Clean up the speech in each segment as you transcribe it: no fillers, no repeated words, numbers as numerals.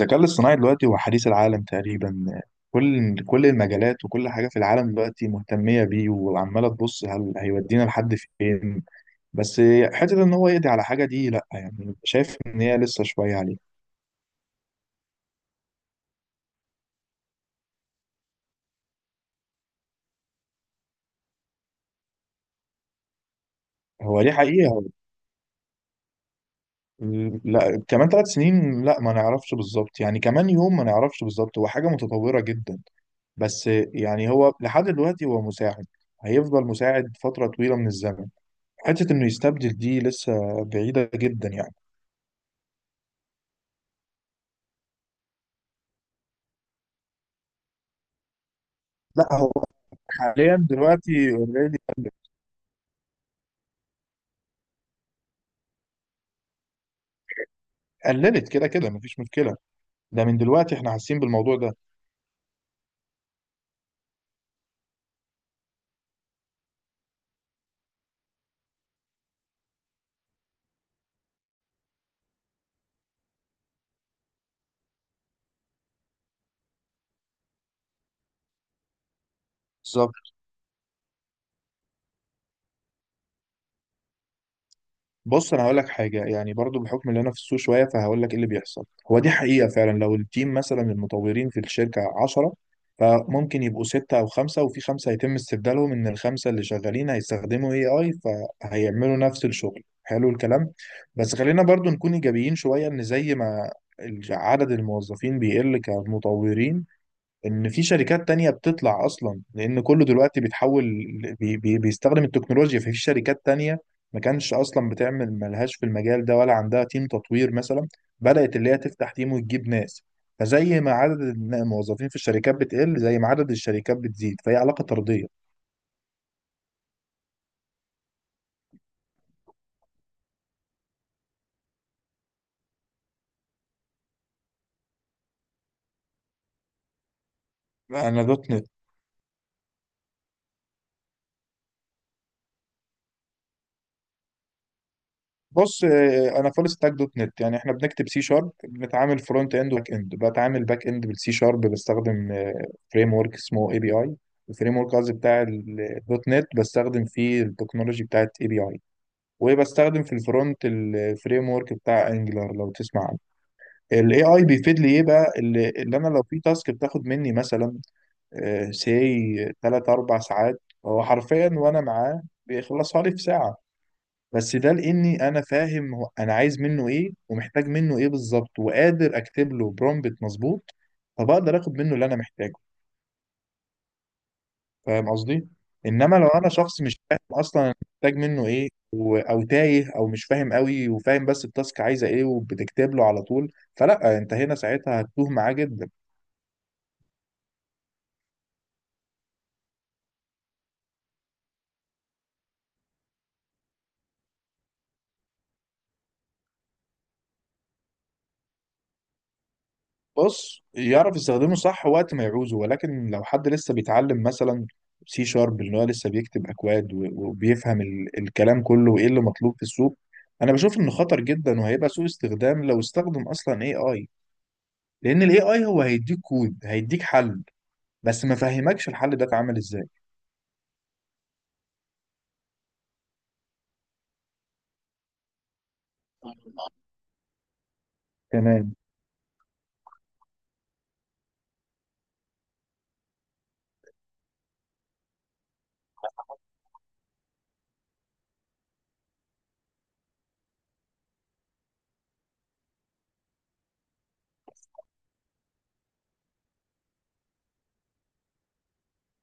الذكاء الاصطناعي دلوقتي هو حديث العالم تقريبا. كل المجالات وكل حاجة في العالم دلوقتي مهتمية بيه، وعمالة تبص هل هيودينا لحد فين. بس حتة ان هو يقضي على حاجة دي لا، يعني شايف ان هي لسه شوية عليه. هو دي حقيقة. لا، كمان ثلاث سنين لا، ما نعرفش بالظبط، يعني كمان يوم ما نعرفش بالظبط، هو حاجة متطورة جدا. بس يعني هو لحد دلوقتي هو مساعد، هيفضل مساعد فترة طويلة من الزمن. حتة انه يستبدل دي لسه بعيدة جدا يعني. لا، حاليا دلوقتي اوريدي قللت، كده كده مفيش مشكله، ده من دلوقتي احنا حاسين بالموضوع ده. بالظبط. بص انا هقول لك حاجه، يعني برضو بحكم اللي انا في السوق شويه، فهقول لك ايه اللي بيحصل. هو دي حقيقه فعلا، لو التيم مثلا المطورين في الشركه 10، فممكن يبقوا ستة أو خمسة، وفي خمسة هيتم استبدالهم، إن الخمسة اللي شغالين هيستخدموا AI، فهيعملوا نفس الشغل. حلو الكلام، بس خلينا برضو نكون إيجابيين شوية، إن زي ما عدد الموظفين بيقل كمطورين، ان في شركات تانية بتطلع اصلا، لان كله دلوقتي بيتحول، بي بيستخدم التكنولوجيا. ففي شركات تانية ما كانش اصلا بتعمل، ملهاش في المجال ده ولا عندها تيم تطوير مثلا، بدأت اللي هي تفتح تيم وتجيب ناس. فزي ما عدد الموظفين في الشركات بتقل، زي ما عدد الشركات بتزيد، فهي علاقة طردية. انا ده. بص، انا فول ستاك دوت نت. يعني احنا بنكتب سي شارب، بنتعامل فرونت اند وباك اند، بتعامل باك اند بالسي شارب، بستخدم فريم ورك اسمه اي بي اي. الفريم ورك قصدي بتاع الدوت نت، بستخدم فيه التكنولوجي بتاعت اي بي اي. وبستخدم في الفرونت الفريم ورك بتاع انجلر لو تسمع عنه. الاي اي بيفيد لي ايه بقى؟ اللي انا لو في تاسك بتاخد مني مثلا سي 3 4 ساعات، هو حرفيا وانا معاه بيخلصها لي في ساعة. بس ده لاني انا فاهم هو انا عايز منه ايه، ومحتاج منه ايه بالظبط، وقادر اكتب له برومبت مظبوط، فبقدر اخد منه اللي انا محتاجه. فاهم قصدي؟ انما لو انا شخص مش فاهم اصلا أنا محتاج منه ايه، او تايه، او مش فاهم قوي، وفاهم بس التاسك عايزه ايه، وبتكتب له على طول، فلا، انت هنا ساعتها هتتوه معاه جدا. بص، يعرف يستخدمه صح وقت ما يعوزه، ولكن لو حد لسه بيتعلم مثلا سي شارب، اللي هو لسه بيكتب اكواد، وبيفهم الكلام كله، وايه اللي مطلوب في السوق، انا بشوف انه خطر جدا، وهيبقى سوء استخدام لو استخدم اصلا اي اي. لان الاي اي هو هيديك كود، هيديك حل، بس ما فهمكش الحل ده اتعمل ازاي. تمام.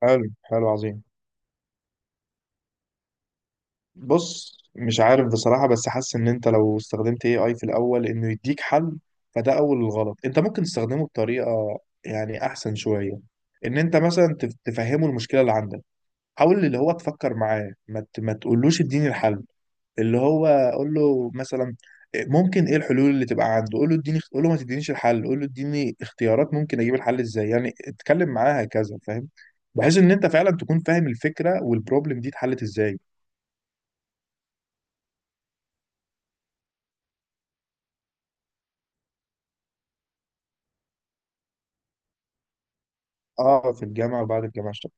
حلو حلو، عظيم. بص مش عارف بصراحة، بس حاسس ان انت لو استخدمت AI في الاول انه يديك حل، فده اول الغلط. انت ممكن تستخدمه بطريقة يعني احسن شوية، ان انت مثلا تفهمه المشكلة اللي عندك، حاول اللي هو تفكر معاه، ما تقولوش اديني الحل. اللي هو قول له مثلا، ممكن ايه الحلول اللي تبقى عنده. قول له اديني، قول له ما تدينيش الحل، قول له اديني اختيارات، ممكن اجيب الحل ازاي. يعني اتكلم معاه هكذا، فاهم؟ بحيث ان انت فعلا تكون فاهم الفكرة والبروبلم دي اتحلت ازاي. اه في الجامعه، وبعد الجامعه اشتغلت.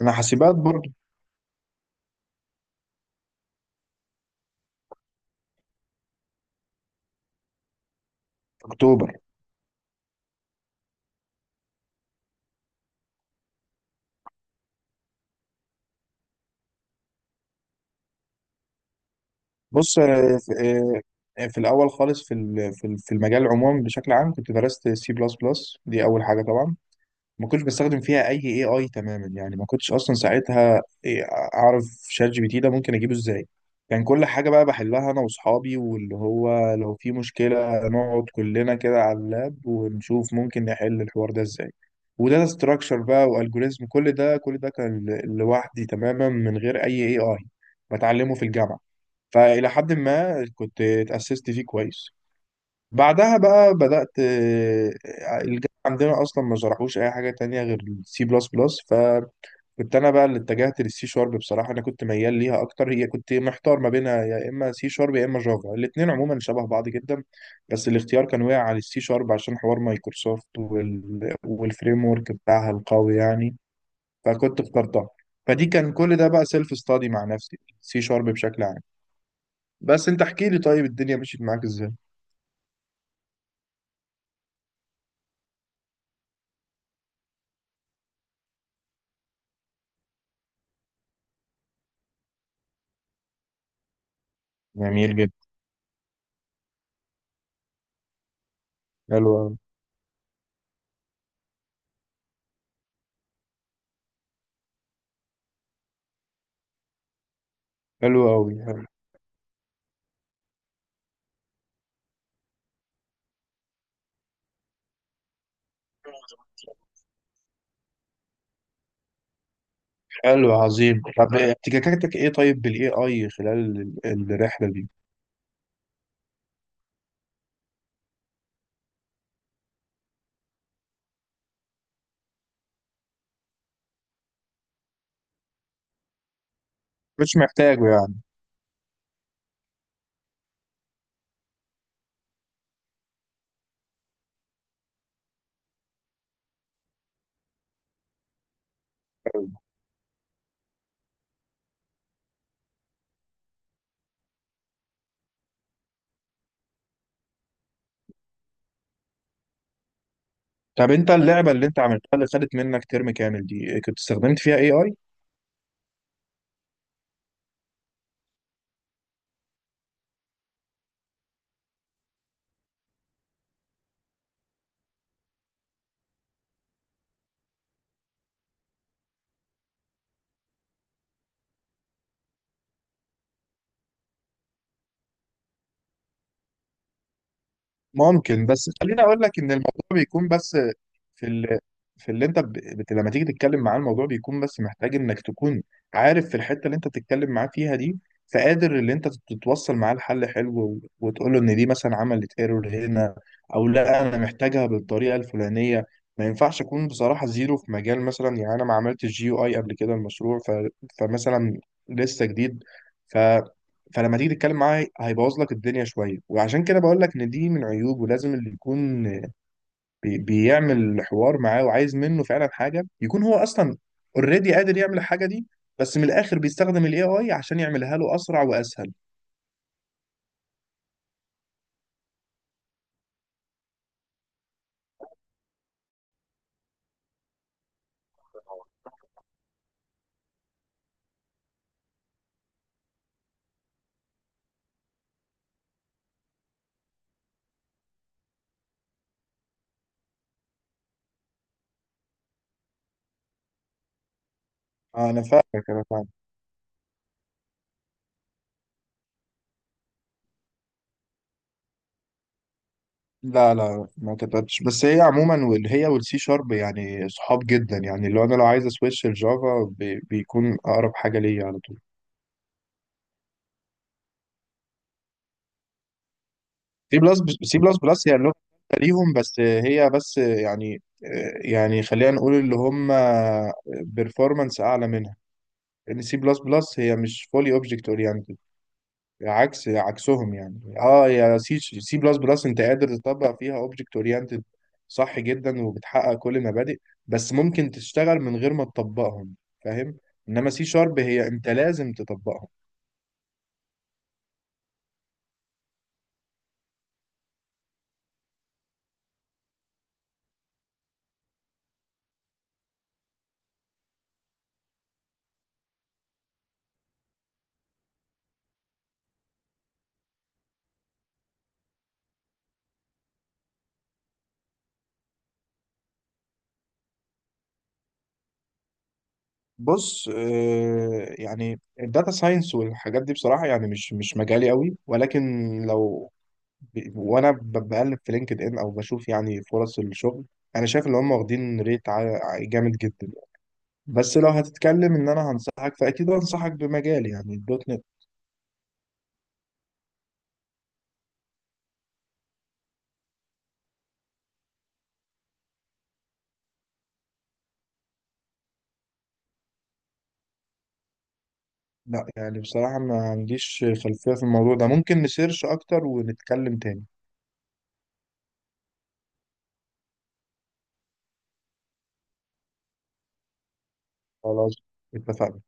انا حاسبات برضه. في اكتوبر. بص، في الاول خالص، في المجال عموما بشكل عام، كنت درست سي بلس بلس، دي اول حاجه طبعا. ما كنتش بستخدم فيها اي اي تماما، يعني ما كنتش اصلا ساعتها اعرف شات جي بي تي ده ممكن اجيبه ازاي. كان كل حاجه بقى بحلها انا واصحابي، واللي هو لو في مشكله نقعد كلنا كده على اللاب ونشوف ممكن نحل الحوار ده ازاي. وده ستراكشر بقى والجوريزم، كل ده كل ده كان لوحدي تماما من غير اي اي، بتعلمه في الجامعه، فالى حد ما كنت اتاسست فيه كويس. بعدها بقى بدأت الجامعة عندنا أصلا ما شرحوش أي حاجة تانية غير السي بلس بلس، فكنت أنا بقى اللي اتجهت للسي شارب. بصراحة أنا كنت ميال ليها أكتر، هي كنت محتار ما بينها، يا إما سي شارب يا إما جافا، الاتنين عموما شبه بعض جدا، بس الاختيار كان واقع على السي شارب عشان حوار مايكروسوفت والفريم ورك بتاعها القوي يعني، فكنت اخترتها. فدي كان كل ده بقى سيلف ستادي مع نفسي، سي شارب بشكل عام. بس أنت احكي لي، طيب الدنيا مشيت معاك إزاي؟ جميل جدا. حلو، حلو أوي، حلو. حلو، عظيم. طب احتكاكاتك إيه طيب بالاي اي خلال الرحلة دي؟ مش محتاجه يعني. طب أنت اللعبة اللي أنت عملتها، اللي خدت منك ترم كامل دي، كنت استخدمت فيها اي اي؟ ممكن، بس خليني اقول لك ان الموضوع بيكون بس في ال... في اللي انت ب... بت... لما تيجي تتكلم معاه، الموضوع بيكون بس محتاج انك تكون عارف في الحته اللي انت بتتكلم معاه فيها دي، فقادر اللي انت تتوصل معاه لحل حلو، وتقول له ان دي مثلا عملت ايرور هنا، او لا انا محتاجها بالطريقه الفلانيه. ما ينفعش اكون بصراحه زيرو في مجال مثلا، يعني انا ما عملتش جي يو اي قبل كده، المشروع فمثلا لسه جديد، فلما تيجي تتكلم معاه هيبوظ لك الدنيا شويه. وعشان كده بقول لك ان دي من عيوب، ولازم اللي يكون بيعمل حوار معاه وعايز منه فعلا حاجه، يكون هو اصلا اوريدي قادر يعمل الحاجه دي، بس من الاخر بيستخدم الاي اي عشان يعملها له اسرع واسهل. آه، انا فاهمك، انا فاهم. لا، ما كتبتش، بس هي عموما هي والسي شارب يعني صحاب جدا، يعني لو انا لو عايز اسويتش الجافا بيكون اقرب حاجه ليا على طول. سي بلس سي بلس بلس هي اللغة الثالثة ليهم، بس هي بس يعني، يعني خلينا نقول اللي هم بيرفورمانس أعلى منها، لأن سي بلس بلس هي مش فولي أوبجكت أورينتد، عكسهم يعني. اه، يا سي سي بلس بلس أنت قادر تطبق فيها أوبجكت أورينتد صح جدا، وبتحقق كل المبادئ، بس ممكن تشتغل من غير ما تطبقهم، فاهم؟ إنما سي شارب هي أنت لازم تطبقهم. بص، يعني الداتا ساينس والحاجات دي بصراحة يعني مش مجالي قوي، ولكن لو وانا بقلب في لينكد ان، او بشوف يعني فرص الشغل، انا شايف ان هم واخدين ريت جامد جدا. بس لو هتتكلم ان انا هنصحك، فاكيد هنصحك بمجالي يعني الدوت نت. لا يعني بصراحة ما عنديش خلفية في الموضوع ده، ممكن نسيرش اكتر ونتكلم تاني. خلاص، اتفقنا.